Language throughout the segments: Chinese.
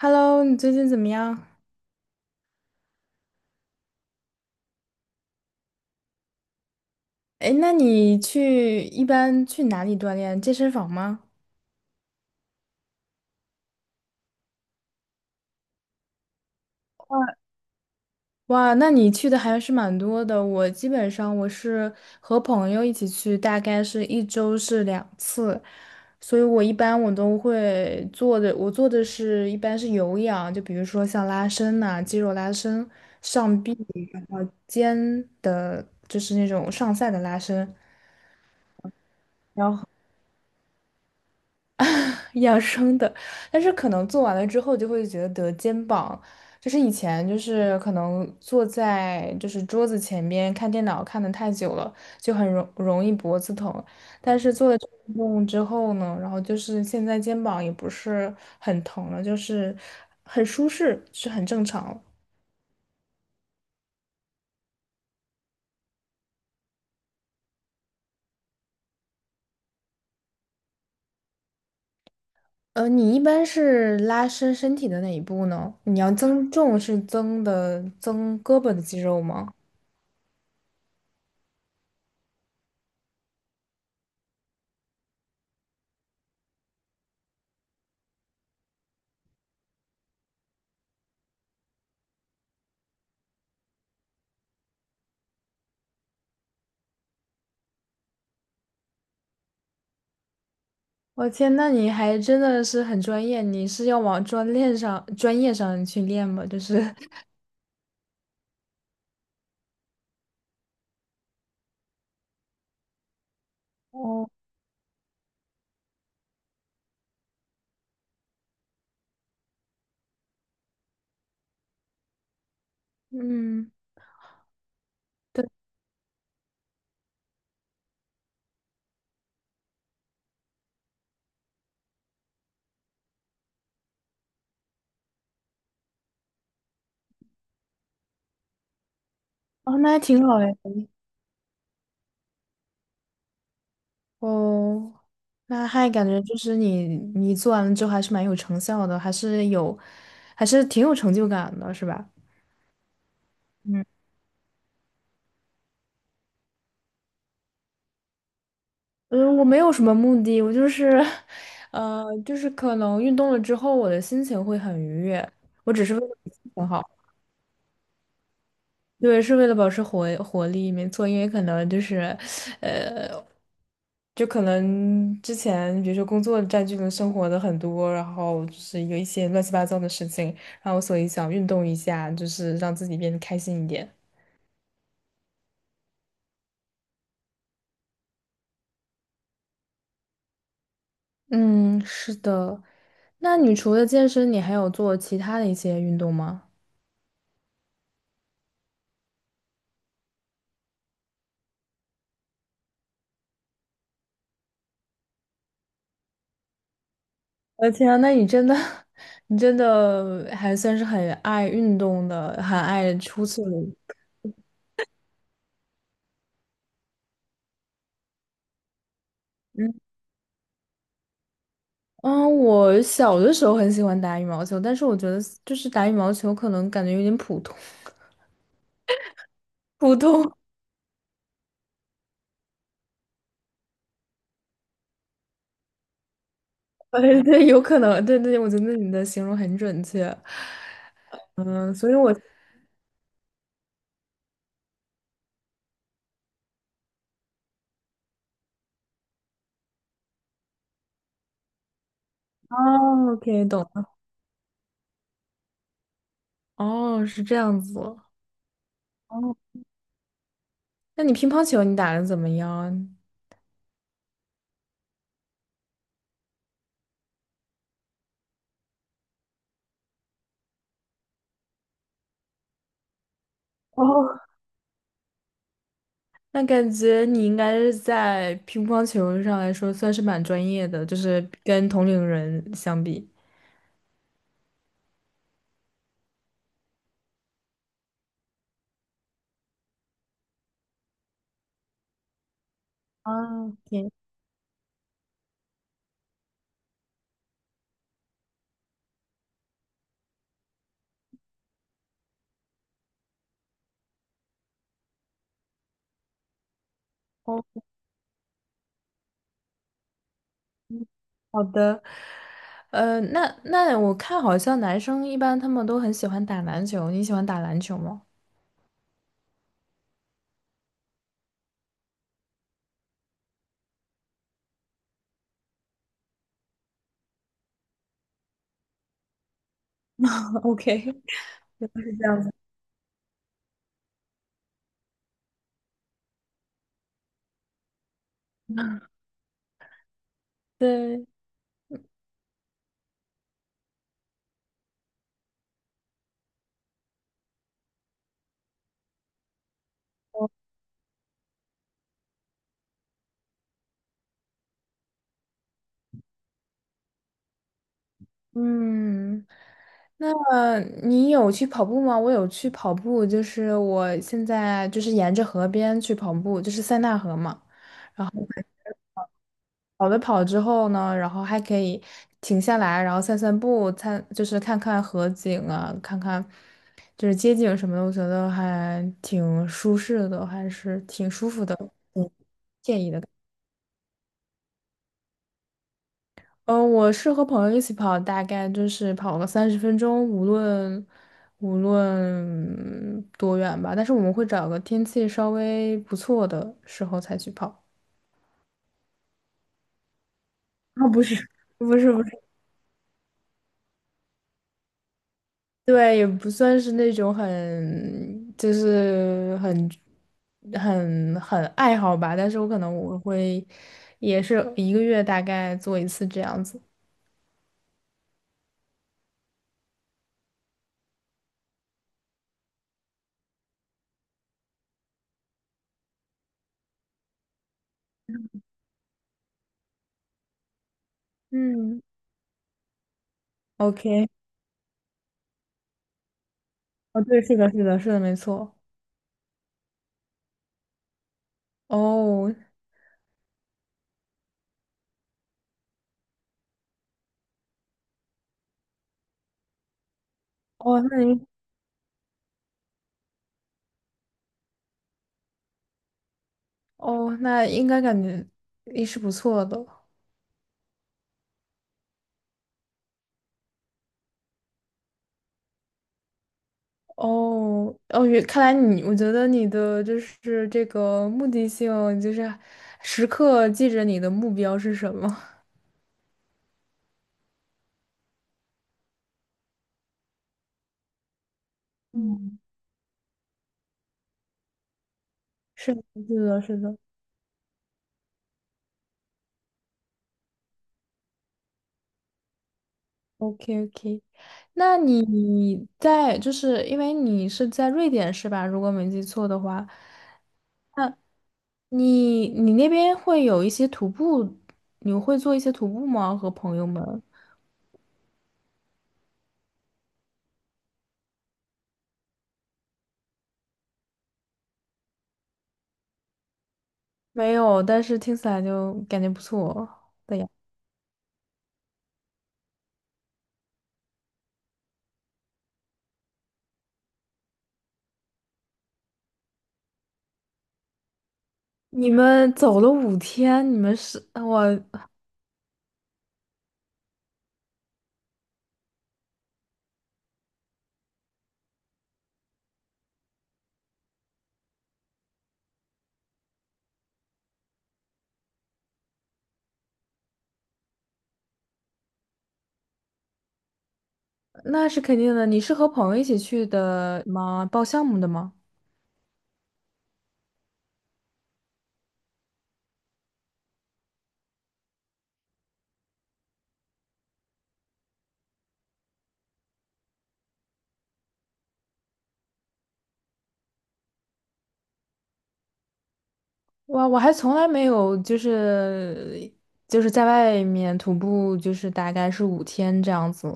Hello，你最近怎么样？哎，那你去一般去哪里锻炼？健身房吗？哇，那你去的还是蛮多的。我基本上是和朋友一起去，大概一周是2次，所以我一般都会做的，我做的一般是有氧，就比如说像拉伸呐、肌肉拉伸、上臂、肩上下的拉伸。养生的，但是可能做完了之后就会觉得肩膀，就是以前就是可能坐在就是桌子前边看电脑看的太久了，就很容易脖子疼，但是做了这个运动之后呢，然后就是现在肩膀也不是很疼了，就是很舒适，是很正常了。你一般是拉伸身体的哪一步呢？你要增重是增的增胳膊的肌肉吗？我天，那你还真的是很专业，你是要往专练上、专业上去练吗？就是 哦，嗯，哦，那还挺好嘞。哦，那还感觉就是你做完了之后还是蛮有成效的，还是有，还是挺有成就感的，是吧？嗯，嗯，我没有什么目的，我就是，就是可能运动了之后，我的心情会很愉悦，我只是为了心情好。对，是为了保持活力，没错，因为可能就是，呃，就可能之前比如说工作占据了生活的很多，然后就是有一些乱七八糟的事情，然后所以想运动一下，就是让自己变得开心一点。嗯，是的。那你除了健身，你还有做其他的一些运动吗？我的天啊，那你真的，你真的还算是很爱运动的，很爱出去的。嗯，我小的时候很喜欢打羽毛球，但是我觉得就是打羽毛球可能感觉有点普通，普通，对对，有可能，对对，我觉得你的形容很准确，嗯，所以我，哦，OK,懂了，哦，是这样子，哦，那你乒乓球你打的怎么样？哦，那感觉你应该是在乒乓球上来说算是蛮专业的，就是跟同龄人相比。啊，OK。好的，那我看好像男生一般他们都很喜欢打篮球，你喜欢打篮球吗？OK,对，嗯，那你有去跑步吗？我有去跑步，就是我现在就是沿着河边去跑步，就是塞纳河嘛。跑之后呢，然后还可以停下来，然后散散步，看就是看看河景啊，看看就是街景什么的，我觉得还挺舒适的，还是挺舒服的，挺惬意的。我是和朋友一起跑，大概就是跑个30分钟，无论多远吧。但是我们会找个天气稍微不错的时候才去跑。啊，不是，不是，不是，对，也不算是那种很，就是很，很很爱好吧。但是我可能我会，也是1个月大概做一次这样子。嗯，OK,哦，对，是的，是的，是的，没错。哦，哦，那你，哦，那应该感觉也是不错的。哦，哦，看来你，我觉得你的就是这个目的性，就是时刻记着你的目标是什么。嗯，是的，是的，是的，OK OK。那你在就是因为你是在瑞典是吧？如果没记错的话，那你那边会有一些徒步，你会做一些徒步吗？和朋友们？没有，但是听起来就感觉不错的呀。你们走了五天。你们是我那是肯定的。你是和朋友一起去的吗？报项目的吗？哇，我还从来没有就是在外面徒步，就是大概是五天这样子。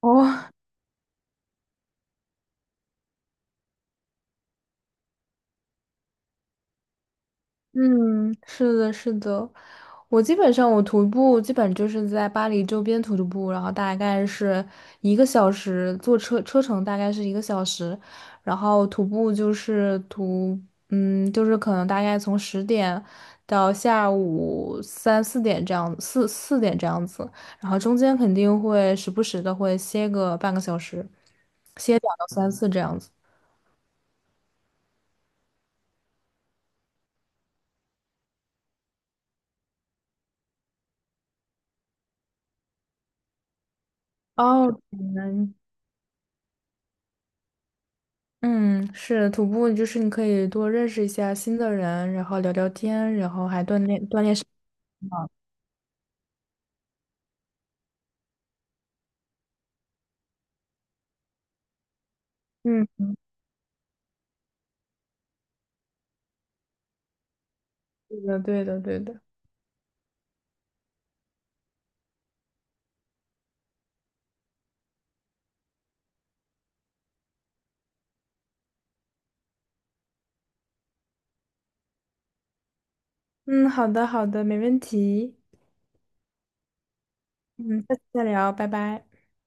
哦，嗯，是的，是的。我基本上徒步基本就是在巴黎周边徒步，然后大概是一个小时，坐车车程大概是一个小时，然后徒步就是就是可能大概从10点到下午三四点这样，四点这样子，然后中间肯定会时不时的会歇个半个小时，歇2到3次这样子。哦，嗯，是徒步，就是你可以多认识一下新的人，然后聊聊天，然后还锻炼锻炼身。嗯，对的，对的，对的。嗯，好的，好的，没问题。嗯，下次再聊，拜拜。